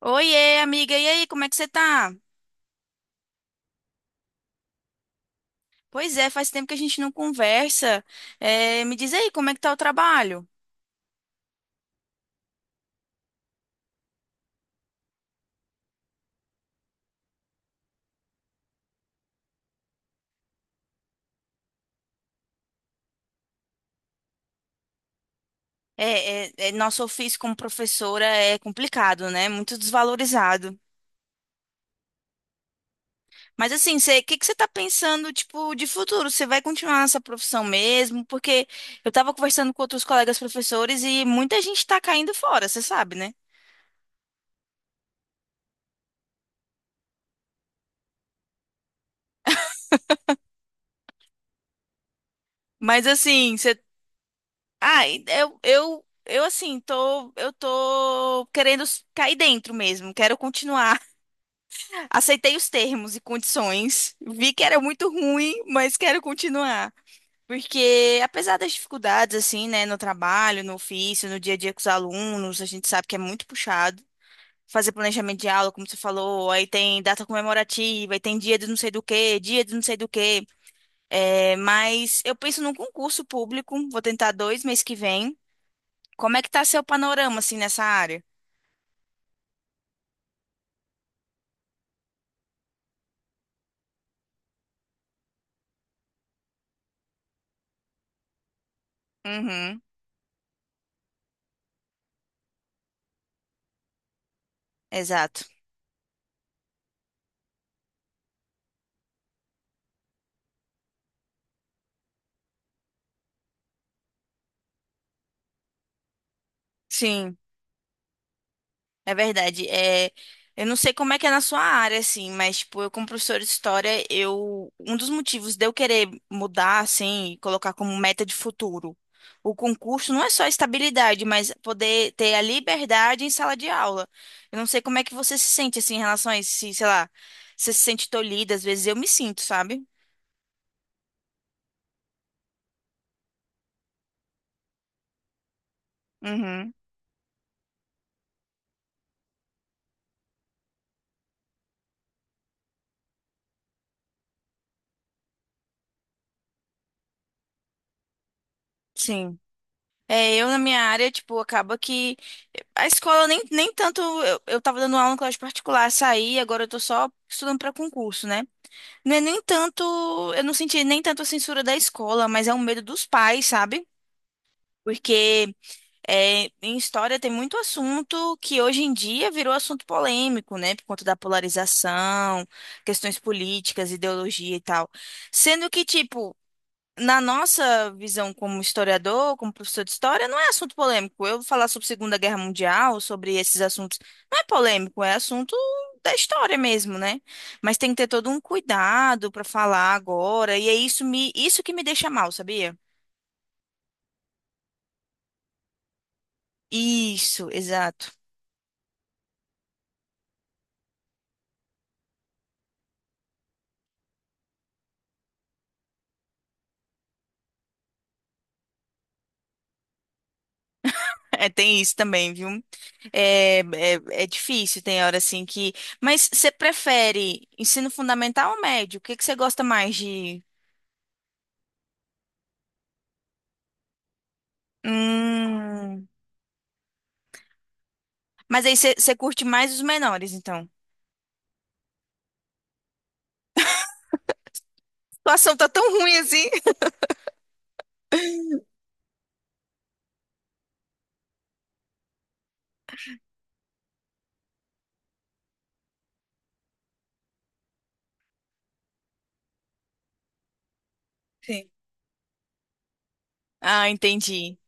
Oiê, amiga, e aí, como é que você tá? Pois é, faz tempo que a gente não conversa. É, me diz aí, como é que tá o trabalho? É, nosso ofício como professora é complicado, né? Muito desvalorizado. Mas assim, o que que você tá pensando, tipo, de futuro? Você vai continuar nessa profissão mesmo? Porque eu tava conversando com outros colegas professores e muita gente tá caindo fora, você sabe, né? Mas assim, você... Ai, eu assim, eu tô querendo cair dentro mesmo, quero continuar. Aceitei os termos e condições, vi que era muito ruim, mas quero continuar. Porque, apesar das dificuldades, assim, né, no trabalho, no ofício, no dia a dia com os alunos, a gente sabe que é muito puxado. Fazer planejamento de aula, como você falou, aí tem data comemorativa, aí tem dia de não sei do quê, dia de não sei do quê. É, mas eu penso num concurso público, vou tentar dois mês que vem. Como é que tá seu panorama, assim, nessa área? Uhum, exato. Sim. É verdade. É, eu não sei como é que é na sua área, assim, mas, tipo, eu como professora de história, eu, um dos motivos de eu querer mudar, assim, e colocar como meta de futuro o concurso não é só a estabilidade, mas poder ter a liberdade em sala de aula. Eu não sei como é que você se sente, assim, em relação a isso, se, sei lá, você se sente tolhida, às vezes eu me sinto, sabe? Uhum. Sim. É, eu na minha área, tipo, acaba que a escola nem tanto. Eu tava dando aula em colégio particular, saí, agora eu tô só estudando pra concurso, né? Não é nem tanto. Eu não senti nem tanto a censura da escola, mas é um medo dos pais, sabe? Porque é, em história tem muito assunto que hoje em dia virou assunto polêmico, né? Por conta da polarização, questões políticas, ideologia e tal. Sendo que, tipo, na nossa visão como historiador, como professor de história, não é assunto polêmico. Eu falar sobre Segunda Guerra Mundial, sobre esses assuntos, não é polêmico, é assunto da história mesmo, né? Mas tem que ter todo um cuidado para falar agora, e é isso que me deixa mal, sabia? Isso, exato. É, tem isso também, viu? É difícil, tem hora assim que. Mas você prefere ensino fundamental ou médio? O que que você gosta mais de. Hum. Mas aí você curte mais os menores, então. A situação tá tão ruim assim. Sim. Ah, entendi.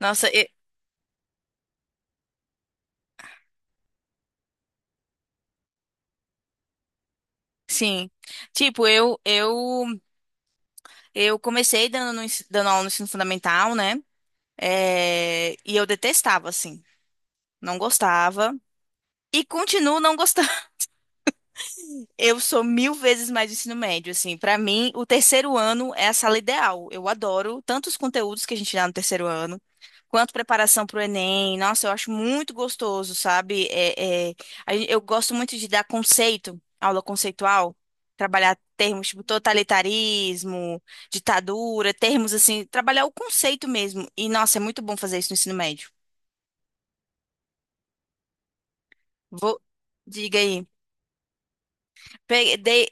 Nossa, sim. Tipo, eu comecei dando aula no ensino fundamental, né? É, e eu detestava, assim. Não gostava. E continuo não gostando. Eu sou mil vezes mais do ensino médio, assim. Para mim, o terceiro ano é a sala ideal. Eu adoro tanto os conteúdos que a gente dá no terceiro ano, quanto preparação para o Enem. Nossa, eu acho muito gostoso, sabe? Eu gosto muito de dar conceito, aula conceitual, trabalhar termos tipo totalitarismo, ditadura, termos assim, trabalhar o conceito mesmo. E, nossa, é muito bom fazer isso no ensino médio. Vou, diga aí. Dei,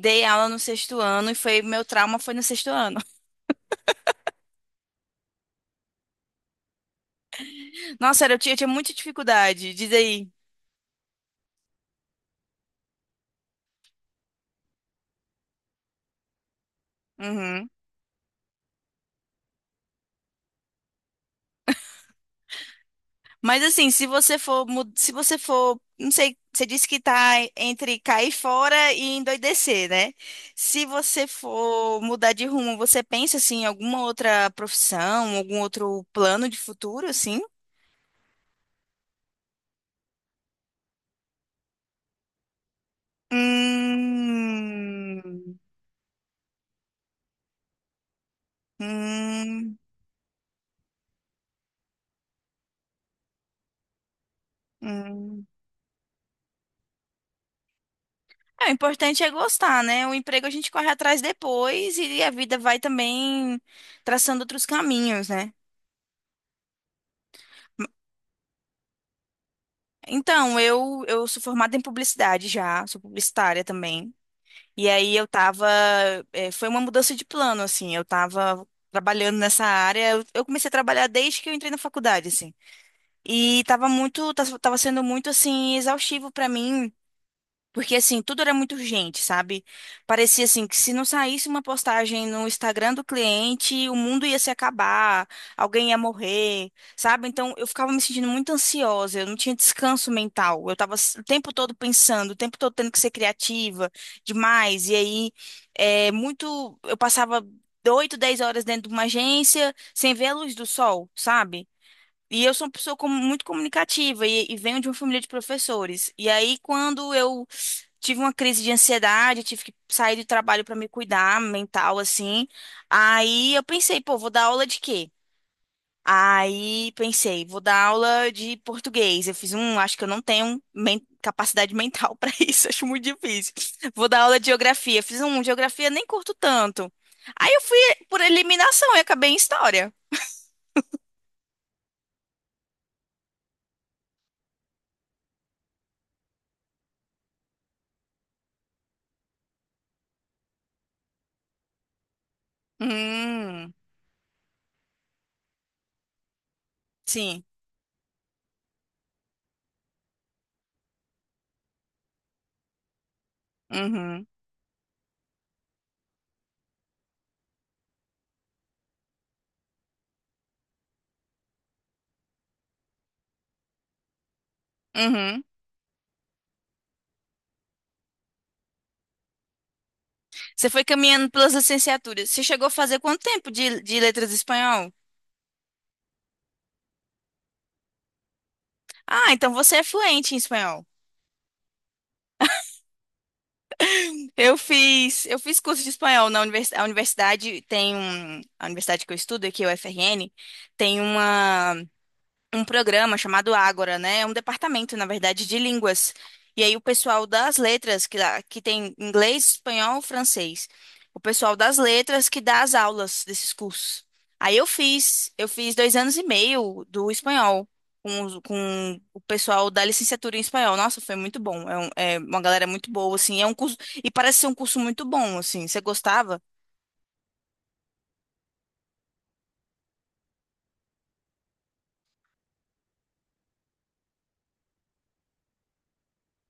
dei aula no sexto ano e foi meu trauma foi no sexto ano. Nossa, sério, eu tinha muita dificuldade, diz aí. Uhum. Mas assim, se você for, se você for, não sei, você disse que tá entre cair fora e endoidecer, né? Se você for mudar de rumo, você pensa assim, em alguma outra profissão, algum outro plano de futuro, assim? Hum, hum, hum. É, o importante é gostar, né? O emprego a gente corre atrás depois e a vida vai também traçando outros caminhos, né? Então, eu sou formada em publicidade já, sou publicitária também. E aí eu tava. Foi uma mudança de plano, assim. Eu tava trabalhando nessa área. Eu comecei a trabalhar desde que eu entrei na faculdade, assim. E tava muito. Tava sendo muito, assim, exaustivo pra mim. Porque, assim, tudo era muito urgente, sabe? Parecia, assim, que se não saísse uma postagem no Instagram do cliente, o mundo ia se acabar, alguém ia morrer, sabe? Então, eu ficava me sentindo muito ansiosa, eu não tinha descanso mental. Eu tava o tempo todo pensando, o tempo todo tendo que ser criativa demais. E aí, é muito. Eu passava 8 10 horas dentro de uma agência sem ver a luz do sol, sabe? E eu sou uma pessoa muito comunicativa e venho de uma família de professores. E aí, quando eu tive uma crise de ansiedade, tive que sair do trabalho para me cuidar mental, assim. Aí eu pensei, pô, vou dar aula de quê? Aí pensei, vou dar aula de português. Eu fiz um, acho que eu não tenho capacidade mental para isso, acho muito difícil. Vou dar aula de geografia. Fiz um, geografia nem curto tanto. Aí eu fui por eliminação e acabei em história. Hum, sim. Uhum, uhum. Você foi caminhando pelas licenciaturas. Você chegou a fazer quanto tempo de letras em espanhol? Ah, então você é fluente em espanhol. Eu fiz curso de espanhol na universidade. A universidade tem um, a universidade que eu estudo aqui, o UFRN, tem uma um programa chamado Ágora, né? É um departamento, na verdade, de línguas. E aí o pessoal das letras, que, que tem inglês, espanhol, francês. O pessoal das letras que dá as aulas desses cursos. Aí eu fiz dois anos e meio do espanhol com, com o pessoal da licenciatura em espanhol. Nossa, foi muito bom. É, é uma galera muito boa, assim. É um curso, e parece ser um curso muito bom, assim. Você gostava?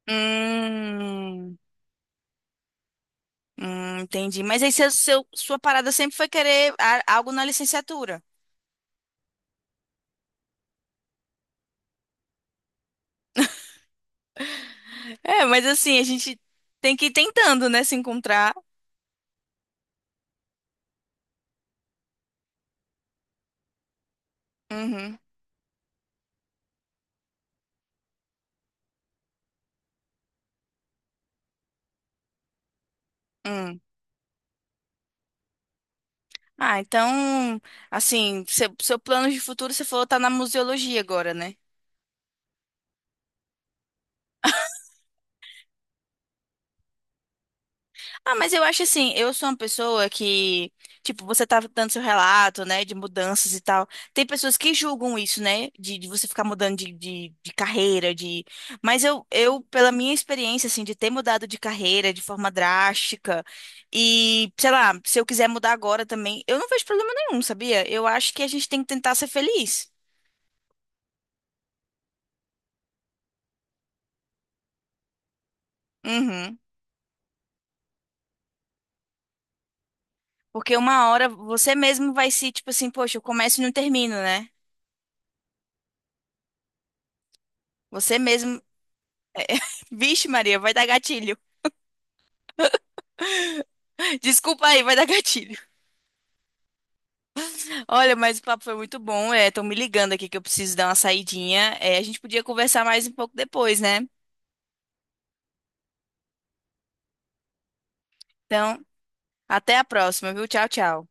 Hum. Entendi. Mas aí sua parada sempre foi querer algo na licenciatura. É, mas assim, a gente tem que ir tentando, né, se encontrar. Uhum. Hum. Ah, então, assim, seu plano de futuro, você falou, tá na museologia agora, né? Ah, mas eu acho assim, eu sou uma pessoa que, tipo, você tava dando seu relato, né, de mudanças e tal. Tem pessoas que julgam isso, né, de você ficar mudando de carreira, de... Mas eu, pela minha experiência, assim, de ter mudado de carreira de forma drástica e, sei lá, se eu quiser mudar agora também, eu não vejo problema nenhum, sabia? Eu acho que a gente tem que tentar ser feliz. Uhum. Porque uma hora você mesmo vai se, tipo assim, poxa, eu começo e não termino, né? Você mesmo... Vixe, Maria, vai dar gatilho. Desculpa aí, vai dar gatilho. Olha, mas o papo foi muito bom. É, estão me ligando aqui que eu preciso dar uma saidinha. É, a gente podia conversar mais um pouco depois, né? Então, até a próxima, viu? Tchau, tchau.